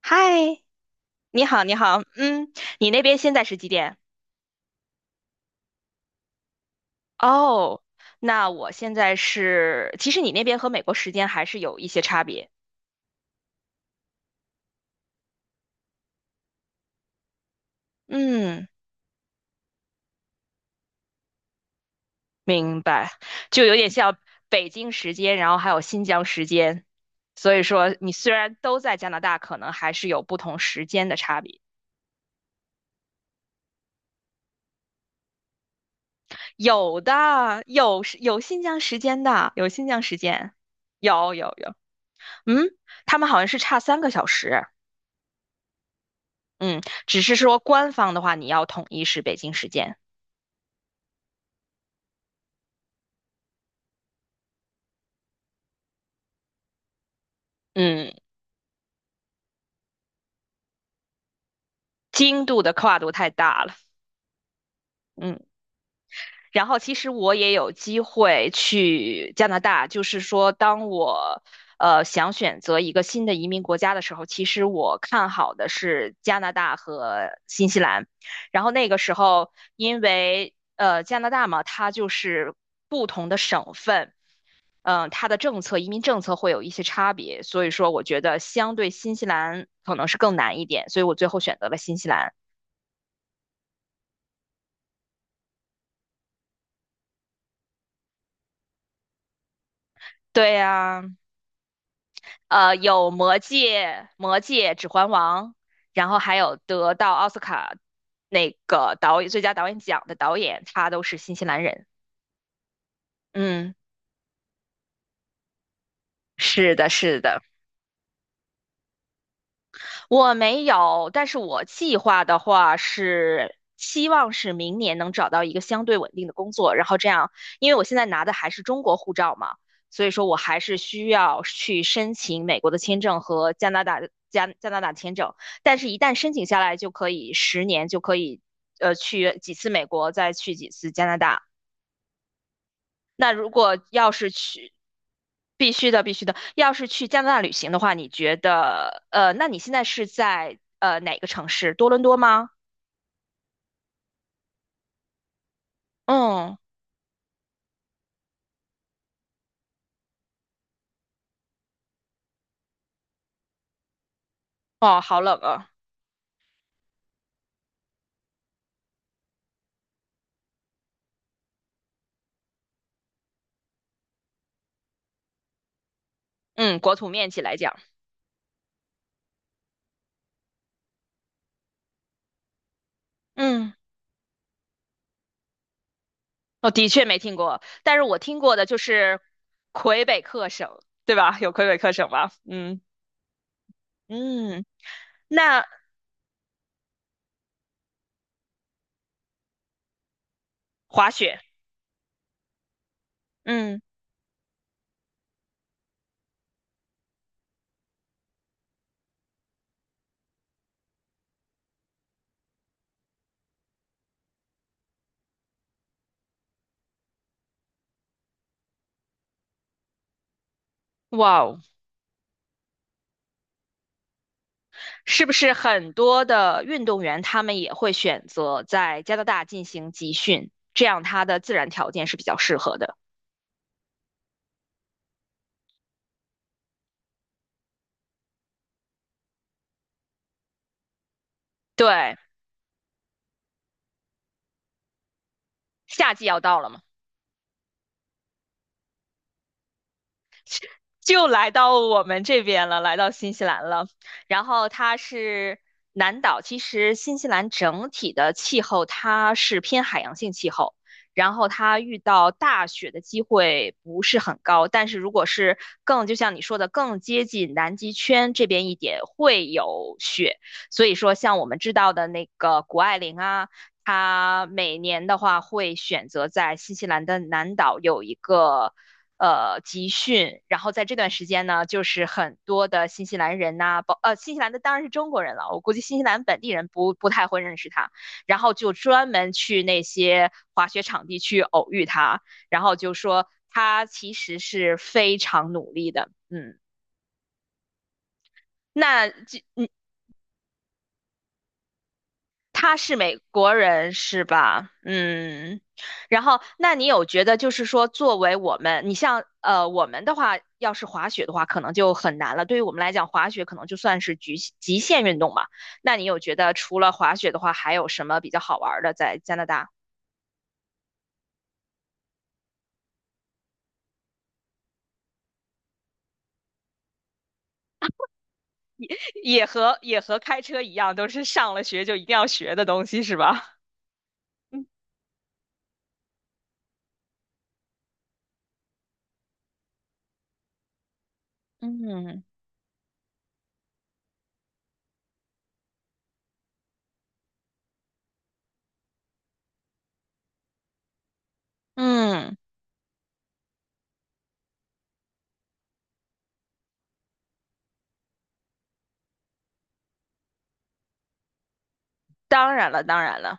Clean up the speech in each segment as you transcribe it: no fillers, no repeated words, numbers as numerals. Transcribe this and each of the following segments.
嗨，你好，你好，嗯，你那边现在是几点？哦，那我现在是，其实你那边和美国时间还是有一些差别。嗯，明白，就有点像北京时间，然后还有新疆时间，所以说你虽然都在加拿大，可能还是有不同时间的差别。有的，有时有新疆时间的，有新疆时间，有有有，嗯，他们好像是差3个小时。嗯，只是说官方的话，你要统一是北京时间。嗯，经度的跨度太大了。嗯，然后其实我也有机会去加拿大，就是说，当我想选择一个新的移民国家的时候，其实我看好的是加拿大和新西兰。然后那个时候，因为加拿大嘛，它就是不同的省份。它的政策、移民政策会有一些差别，所以说我觉得相对新西兰可能是更难一点，所以我最后选择了新西兰。对呀、有《魔戒》《指环王》，然后还有得到奥斯卡那个导演最佳导演奖的导演，他都是新西兰人。嗯，是的，是的。我没有，但是我计划的话是希望是明年能找到一个相对稳定的工作，然后这样，因为我现在拿的还是中国护照嘛，所以说我还是需要去申请美国的签证和加拿大签证，但是一旦申请下来就可以10年就可以，去几次美国，再去几次加拿大。那如果要是去，必须的，必须的，要是去加拿大旅行的话，你觉得，那你现在是在哪个城市？多伦多吗？嗯，哦，好冷啊。嗯，国土面积来讲，嗯，我的确没听过，但是我听过的就是魁北克省，对吧？有魁北克省吧？嗯嗯，那滑雪，嗯，哇哦。是不是很多的运动员他们也会选择在加拿大进行集训，这样他的自然条件是比较适合的。对，夏季要到了嘛。就来到我们这边了，来到新西兰了。然后它是南岛，其实新西兰整体的气候它是偏海洋性气候，然后它遇到大雪的机会不是很高。但是如果是更，就像你说的，更接近南极圈这边一点会有雪。所以说，像我们知道的那个谷爱凌啊。她每年的话会选择在新西兰的南岛有一个集训，然后在这段时间呢，就是很多的新西兰人呐、啊包呃新西兰的当然是中国人了，我估计新西兰本地人不太会认识他，然后就专门去那些滑雪场地去偶遇他，然后就说他其实是非常努力的，嗯。那这嗯，他是美国人是吧？嗯，然后那你有觉得就是说，作为我们，你像我们的话，要是滑雪的话，可能就很难了。对于我们来讲，滑雪可能就算是局极限运动嘛。那你有觉得除了滑雪的话，还有什么比较好玩儿的在加拿大？也和也和开车一样，都是上了学就一定要学的东西是吧？嗯嗯嗯，当然了，当然了。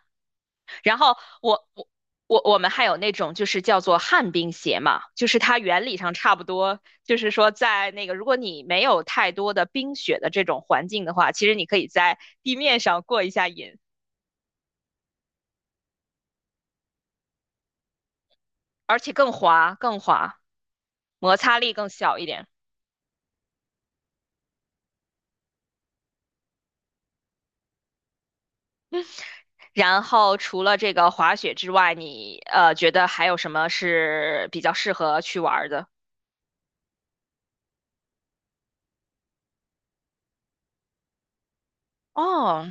然后我们还有那种就是叫做旱冰鞋嘛，就是它原理上差不多，就是说在那个如果你没有太多的冰雪的这种环境的话，其实你可以在地面上过一下瘾，而且更滑，摩擦力更小一点。然后除了这个滑雪之外，你觉得还有什么是比较适合去玩儿的？哦，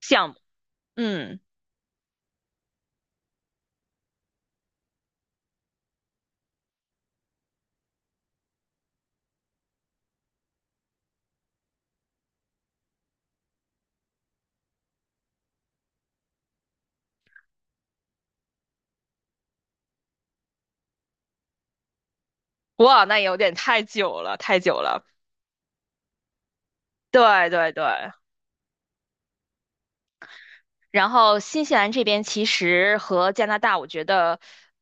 项目，嗯，哇，那有点太久了，太久了。对对对，然后新西兰这边其实和加拿大，我觉得，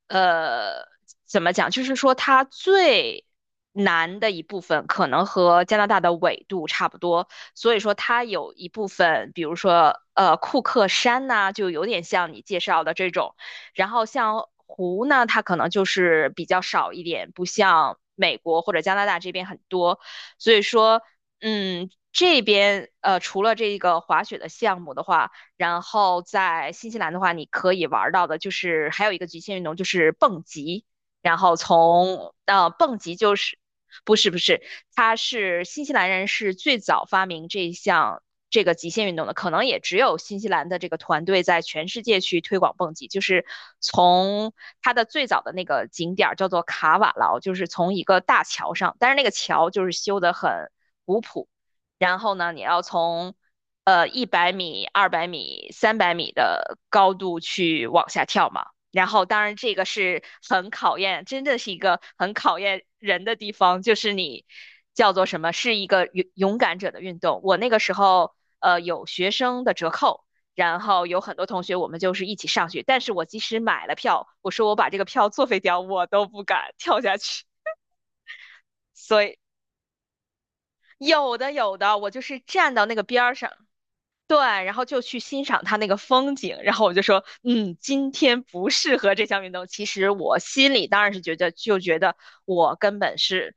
呃，怎么讲，就是说它最难的一部分可能和加拿大的纬度差不多，所以说它有一部分，比如说库克山呐、就有点像你介绍的这种，然后像湖呢，它可能就是比较少一点，不像美国或者加拿大这边很多，所以说，嗯，这边除了这个滑雪的项目的话。然后在新西兰的话，你可以玩到的就是还有一个极限运动就是蹦极，然后从呃蹦极就是不是不是，它是新西兰人是最早发明这个极限运动的，可能也只有新西兰的这个团队在全世界去推广蹦极，就是从它的最早的那个景点儿叫做卡瓦劳，就是从一个大桥上，但是那个桥就是修得很古朴。然后呢，你要从100米、200米、300米的高度去往下跳嘛。然后，当然这个是很考验，真的是一个很考验人的地方，就是你叫做什么，是一个勇敢者的运动。我那个时候，呃，有学生的折扣，然后有很多同学我们就是一起上去，但是我即使买了票，我说我把这个票作废掉，我都不敢跳下去。所以有的有的，我就是站到那个边儿上，对，然后就去欣赏它那个风景，然后我就说，嗯，今天不适合这项运动。其实我心里当然是觉得，就觉得我根本是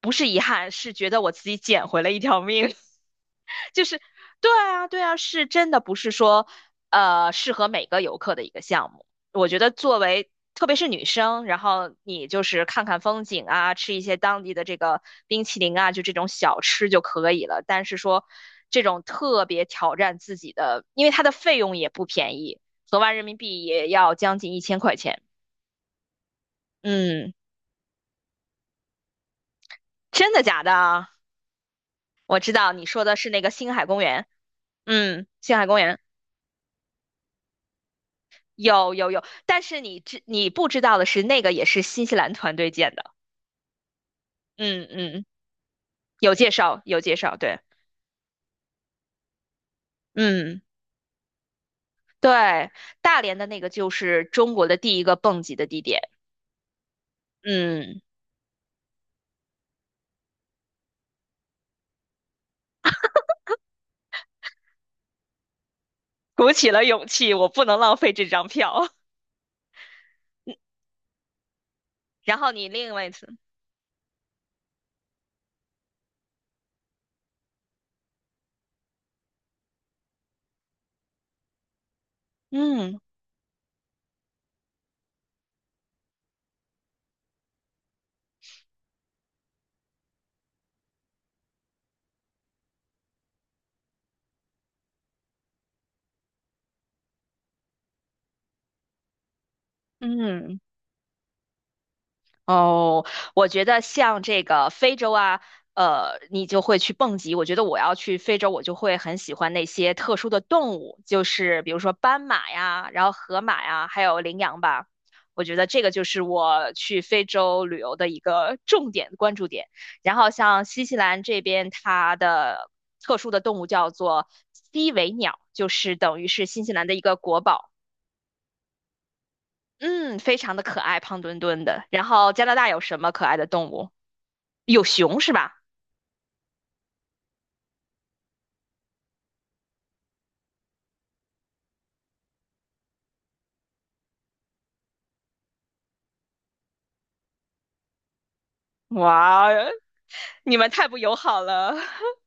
不是遗憾，是觉得我自己捡回了一条命。就是，对啊，对啊，是真的不是说，适合每个游客的一个项目。我觉得作为特别是女生，然后你就是看看风景啊，吃一些当地的这个冰淇淋啊，就这种小吃就可以了。但是说这种特别挑战自己的，因为它的费用也不便宜，合完人民币也要将近1000块钱。嗯，真的假的啊？我知道你说的是那个星海公园。嗯，星海公园有有有，但是你你不知道的是，那个也是新西兰团队建的。嗯嗯，有介绍有介绍，对，嗯。对，大连的那个就是中国的第一个蹦极的地点。嗯，鼓起了勇气，我不能浪费这张票。然后你另外一次，嗯嗯。哦，我觉得像这个非洲啊，你就会去蹦极。我觉得我要去非洲，我就会很喜欢那些特殊的动物，就是比如说斑马呀，然后河马呀，还有羚羊吧。我觉得这个就是我去非洲旅游的一个重点关注点。然后像新西兰这边，它的特殊的动物叫做西尾鸟，就是等于是新西兰的一个国宝。嗯，非常的可爱，胖墩墩的。然后加拿大有什么可爱的动物？有熊是吧？哇，你们太不友好了。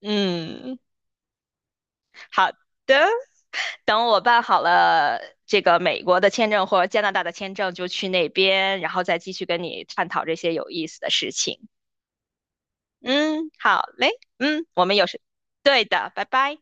嗯，好的，等我办好了这个美国的签证或加拿大的签证，就去那边，然后再继续跟你探讨这些有意思的事情。嗯，好嘞，嗯，我们有事。对的，拜拜。